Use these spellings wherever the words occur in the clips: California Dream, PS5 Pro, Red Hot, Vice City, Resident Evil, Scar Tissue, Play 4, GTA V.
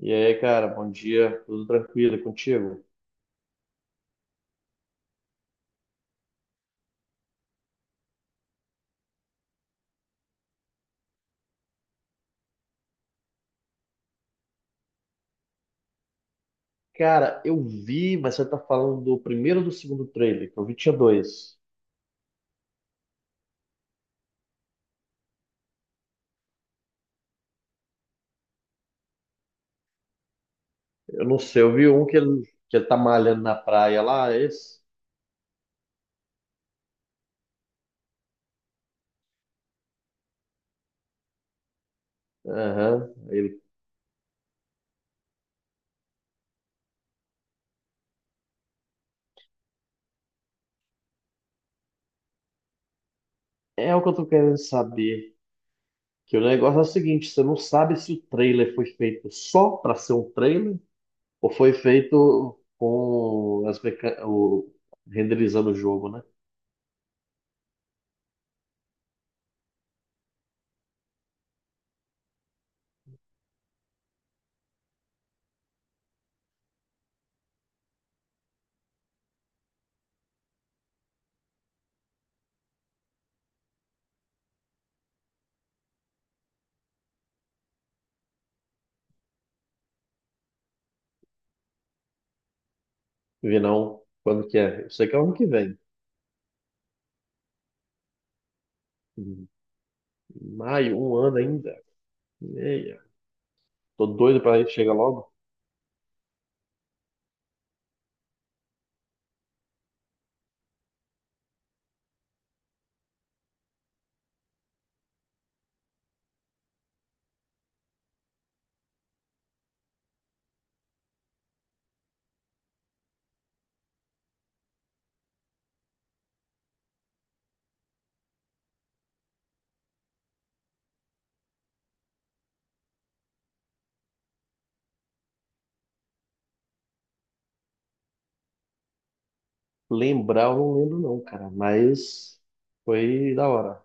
E aí, cara, bom dia, tudo tranquilo e contigo? Cara, eu vi, mas você tá falando do primeiro ou do segundo trailer, que eu vi tinha dois. Eu não sei, eu vi um que ele tá malhando na praia lá, é esse? Aham, ele. É o que eu tô querendo saber. Que o negócio é o seguinte, você não sabe se o trailer foi feito só pra ser um trailer ou foi feito com renderizando o jogo, né? Vi não, quando que é? Eu sei que é o ano que vem. Em maio, um ano ainda. E aí, tô doido pra ir chegar logo. Lembrar, eu não lembro não, cara, mas foi da hora.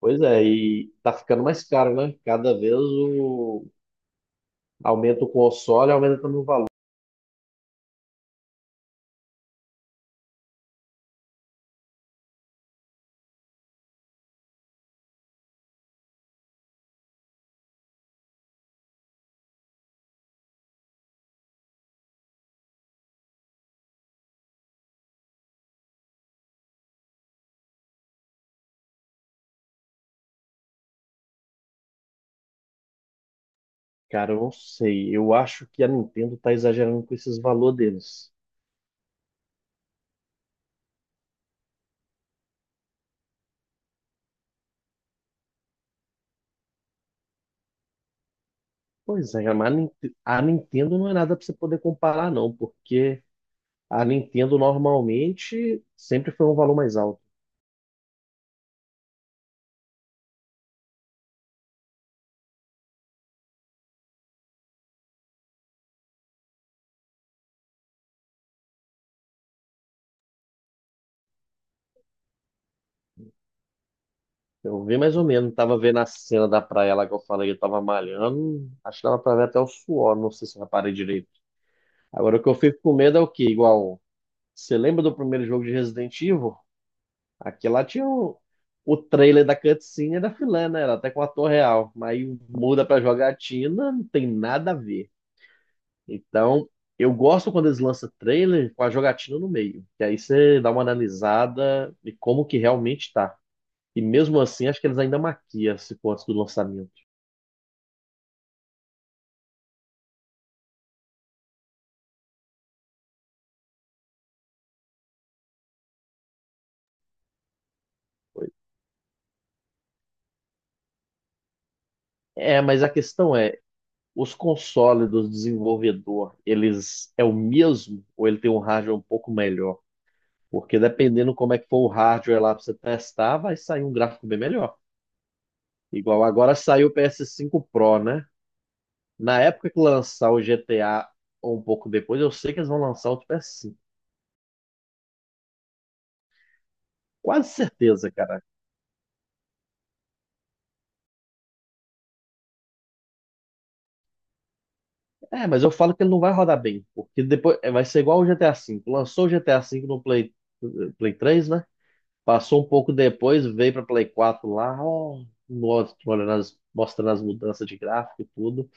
Pois é, e tá ficando mais caro, né? Cada vez o aumenta o console, aumenta também o valor. Cara, eu não sei. Eu acho que a Nintendo tá exagerando com esses valores deles. Pois é, mas a Nintendo não é nada pra você poder comparar, não, porque a Nintendo normalmente sempre foi um valor mais alto. Eu vi mais ou menos, tava vendo a cena da praia lá que eu falei que eu tava malhando, acho que dava pra ver até o suor, não sei se eu reparei direito. Agora o que eu fico com medo é o quê? Igual, você lembra do primeiro jogo de Resident Evil? Aqui lá tinha o trailer da cutscene e da filé, né? Era até com o ator real, mas aí muda pra jogatina, não tem nada a ver. Então, eu gosto quando eles lançam trailer com a jogatina no meio, que aí você dá uma analisada de como que realmente tá. E mesmo assim, acho que eles ainda maquiam se for antes do lançamento. É, mas a questão é, os consoles do desenvolvedor, eles é o mesmo ou ele tem um hardware um pouco melhor? Porque dependendo como é que for o hardware lá para você testar, vai sair um gráfico bem melhor. Igual agora saiu o PS5 Pro, né? Na época que lançar o GTA ou um pouco depois, eu sei que eles vão lançar outro PS5. Quase certeza, cara. É, mas eu falo que ele não vai rodar bem, porque depois é, vai ser igual o GTA V. Lançou o GTA V no eh, Play 3, né? Passou um pouco depois, veio para Play 4 lá, ó, nossa, olhando as- mostrando as mudanças de gráfico e tudo.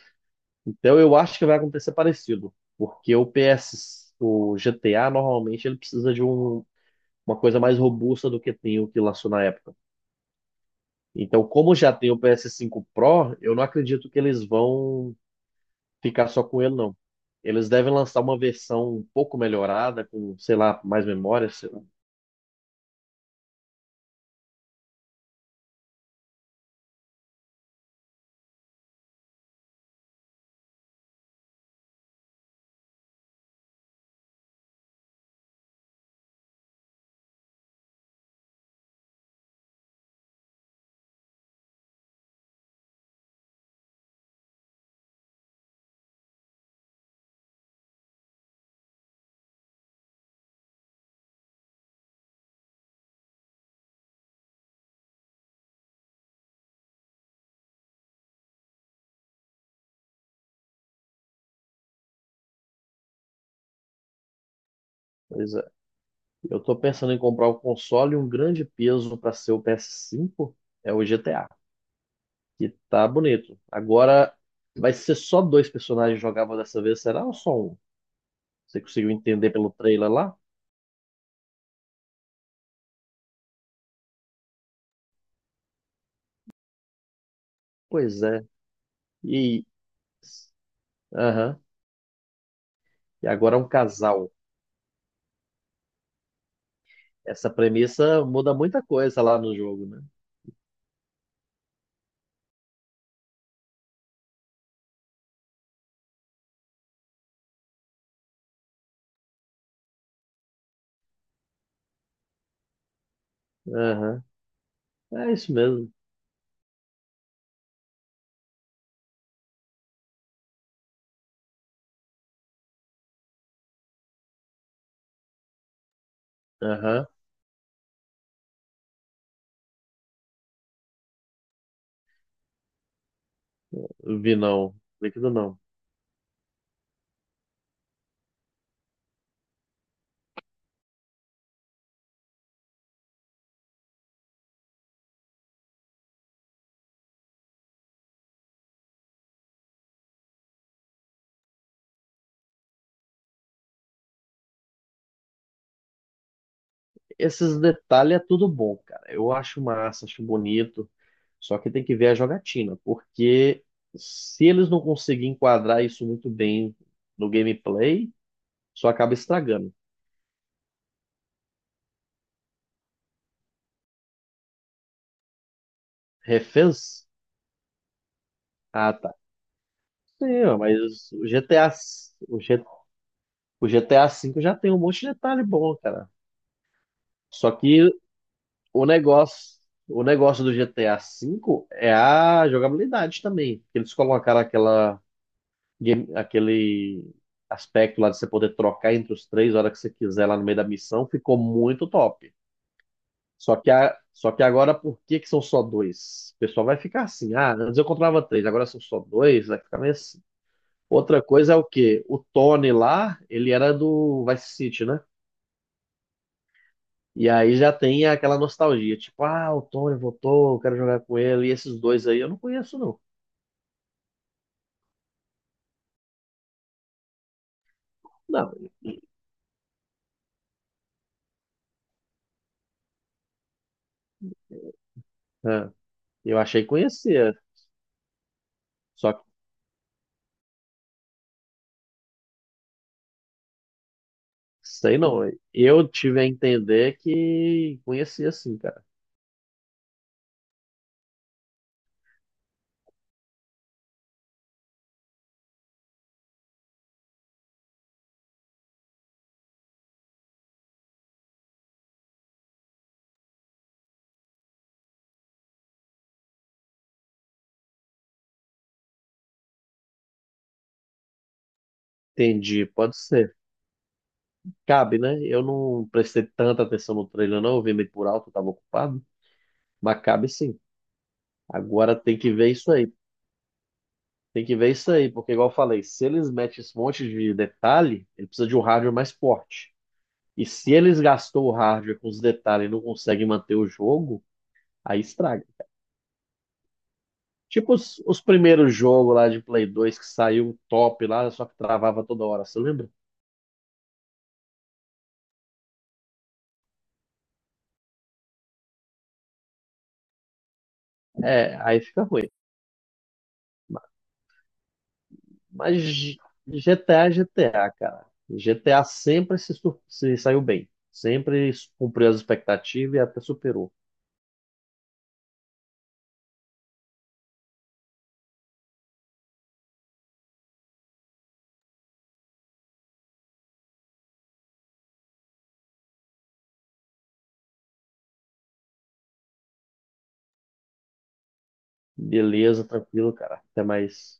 Então eu acho que vai acontecer parecido, porque o GTA normalmente ele precisa de uma coisa mais robusta do que tem o que lançou na época. Então, como já tem o PS5 Pro, eu não acredito que eles vão ficar só com ele, não. Eles devem lançar uma versão um pouco melhorada, com, sei lá, mais memória, sei lá. Pois, eu tô pensando em comprar um console e um grande peso para ser o PS5 é o GTA, que tá bonito. Agora vai ser só dois personagens jogáveis dessa vez, será ou só um? Você conseguiu entender pelo trailer lá? Pois é. E aham. E agora é um casal. Essa premissa muda muita coisa lá no jogo, né? Aham. É isso mesmo. Aham. Vi não. Líquido não. Esses detalhes é tudo bom, cara. Eu acho massa, acho bonito. Só que tem que ver a jogatina, porque se eles não conseguirem enquadrar isso muito bem no gameplay, só acaba estragando. Refez? Ah, tá. Sim, ó, mas o GTA, s- o G- o GTA V já tem um monte de detalhe bom, cara. Só que o negócio, o negócio do GTA V é a jogabilidade também. Eles colocaram aquele aspecto lá de você poder trocar entre os três a hora que você quiser lá no meio da missão, ficou muito top. Só que agora, por que que são só dois? O pessoal vai ficar assim, ah, antes eu controlava três, agora são só dois, vai ficar meio assim. Outra coisa é o quê? O Tony lá, ele era do Vice City, né? E aí já tem aquela nostalgia, tipo, ah, o Tony voltou, eu quero jogar com ele, e esses dois aí eu não conheço, não. Não, é, eu achei que conhecia. Só sei não. Eu tive a entender que conhecia assim, cara. Entendi, pode ser. Cabe, né? Eu não prestei tanta atenção no trailer, não. Eu vi meio por alto, eu tava ocupado. Mas cabe sim. Agora tem que ver isso aí. Tem que ver isso aí, porque, igual eu falei, se eles metem esse monte de detalhe, ele precisa de um hardware mais forte. E se eles gastou o hardware com os detalhes e não conseguem manter o jogo, aí estraga. Tipo os primeiros jogos lá de Play 2 que saiu top lá, só que travava toda hora, você lembra? É, aí fica ruim. Mas GTA é GTA, cara. GTA sempre se saiu bem. Sempre cumpriu as expectativas e até superou. Beleza, tranquilo, cara. Até mais.